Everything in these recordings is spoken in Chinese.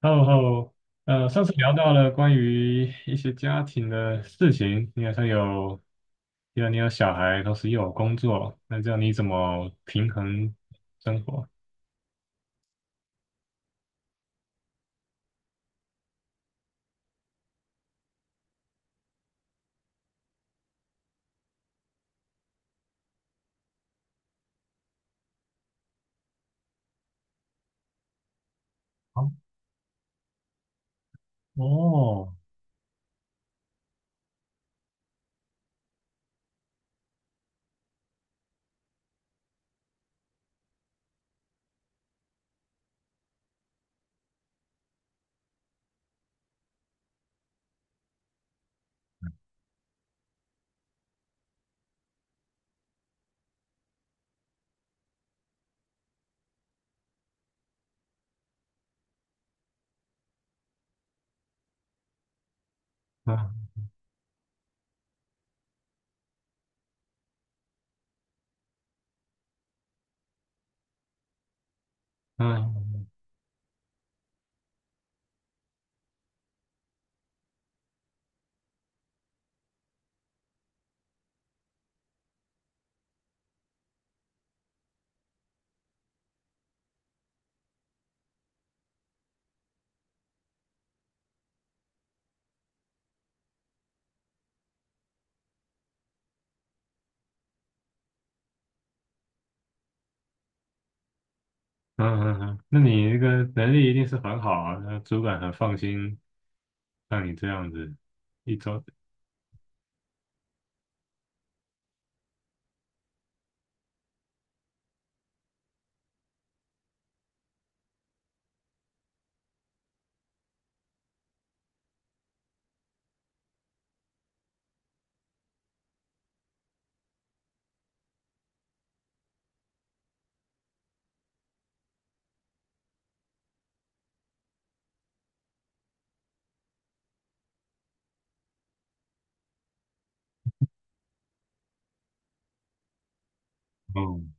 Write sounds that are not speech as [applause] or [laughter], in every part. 然后，上次聊到了关于一些家庭的事情，你好像有，因为你有小孩，同时又有工作，那这样你怎么平衡生活？哦，哦，嗯嗯嗯嗯嗯，那你这个能力一定是很好啊，那主管很放心让你这样子一周。嗯，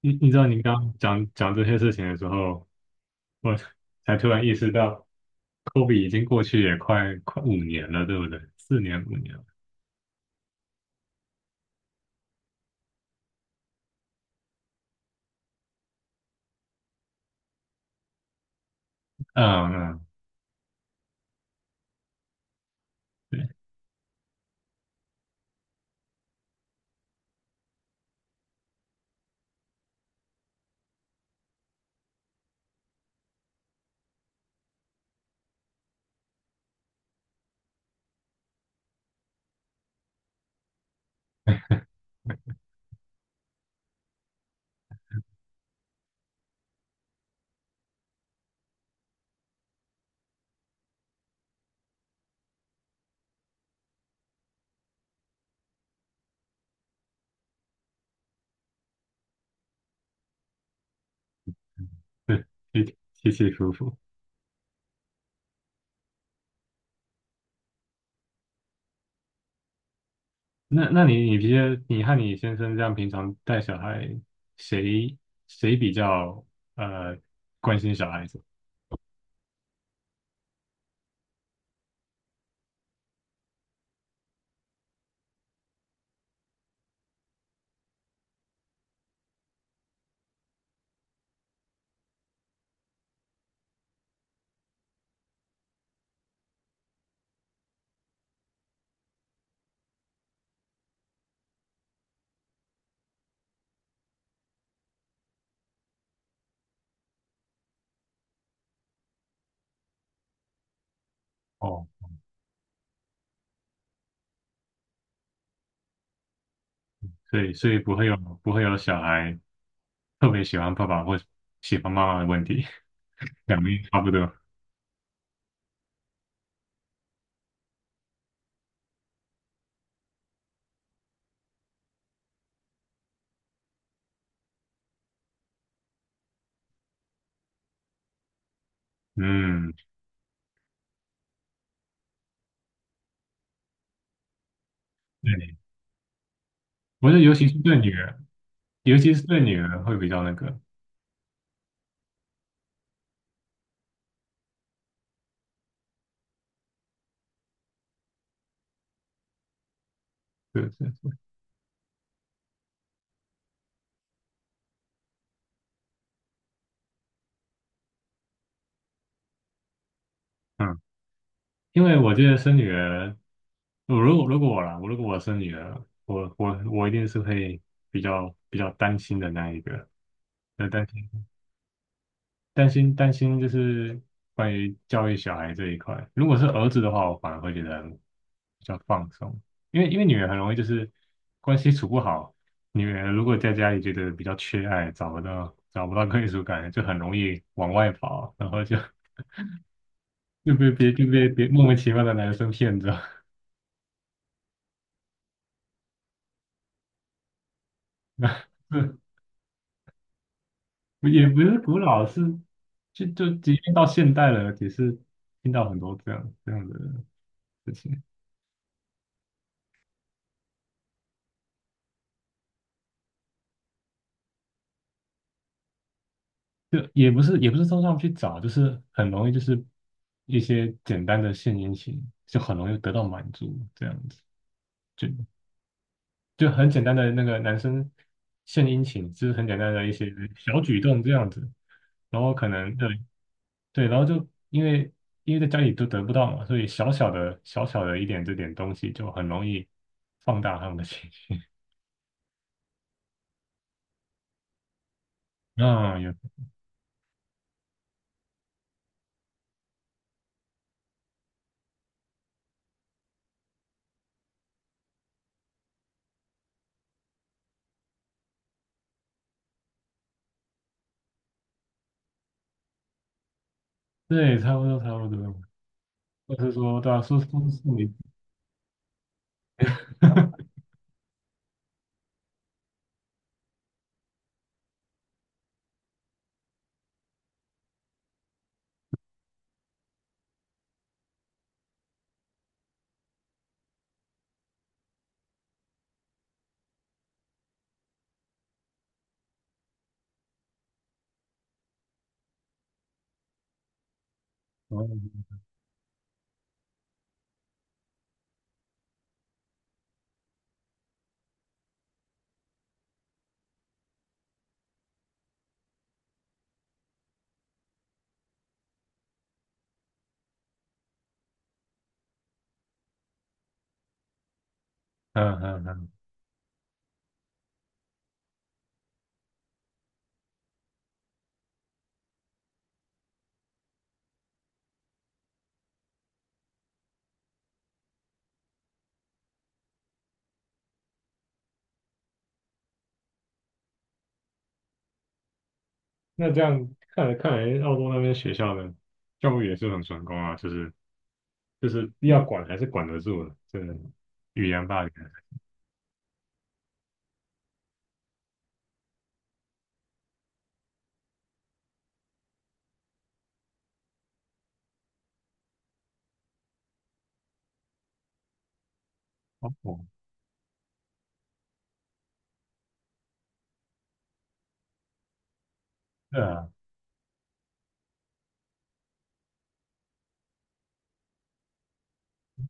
你知道你刚刚讲这些事情的时候。我才突然意识到科比已经过去也快五年了，对不对？四年五年了，嗯嗯，对对，起起伏伏。那你平时你和你先生这样平常带小孩，谁谁比较呃关心小孩子？哦，所以不会有小孩特别喜欢爸爸或喜欢妈妈的问题，[laughs] 两边差不多。嗯，对，我觉得尤其是对女儿，尤其是对女儿会比较那个，对对。嗯，因为我记得生女儿，我如果我啦，我如果我生女儿，我一定是会比较担心的那一个，呃，担心担心就是关于教育小孩这一块。如果是儿子的话，我反而会觉得比较放松，因为女儿很容易就是关系处不好，女儿如果在家里觉得比较缺爱，找不到归属感，就很容易往外跑，然后就 [laughs] 就被别莫名其妙的男生骗着。[laughs] 也不是古老，是就即便到现代了，也是听到很多这样的事情，就也不是说上去找，就是很容易就是一些简单的献殷勤，就很容易得到满足，这样子就就很简单的那个男生献殷勤，就是很简单的一些小举动这样子，然后可能对对，然后就因为在家里都得不到嘛，所以小小的一点这点东西就很容易放大他们的情绪。啊，有，对，差不多差不多，或是说，大啊，说说是你，[laughs] 哦，嗯嗯嗯，那这样看来，澳洲那边学校的教育也是很成功啊，就是要管还是管得住的，这个语言霸凌，好酷，对啊，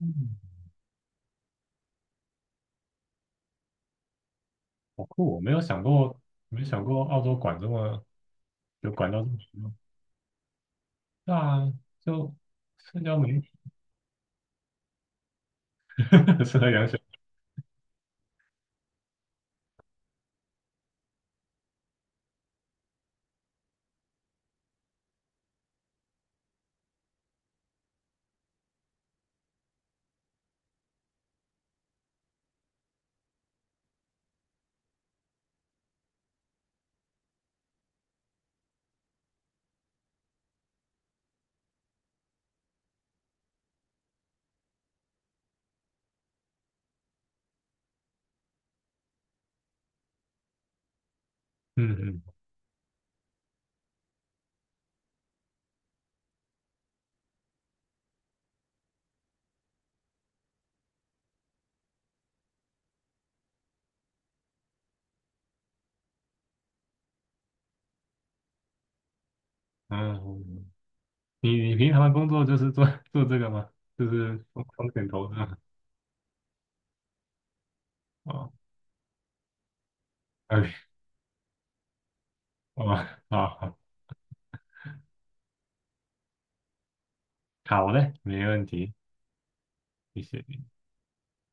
嗯，好酷，我没有想过，没想过澳洲管这么有管到这么严重，对啊，就社交媒体 [laughs] 适合养小 [laughs]，嗯嗯嗯。你平常的工作就是做 [laughs] 做这个吗？就是风险投资吗？哦，哎，哦，好好，好嘞，没问题，谢谢。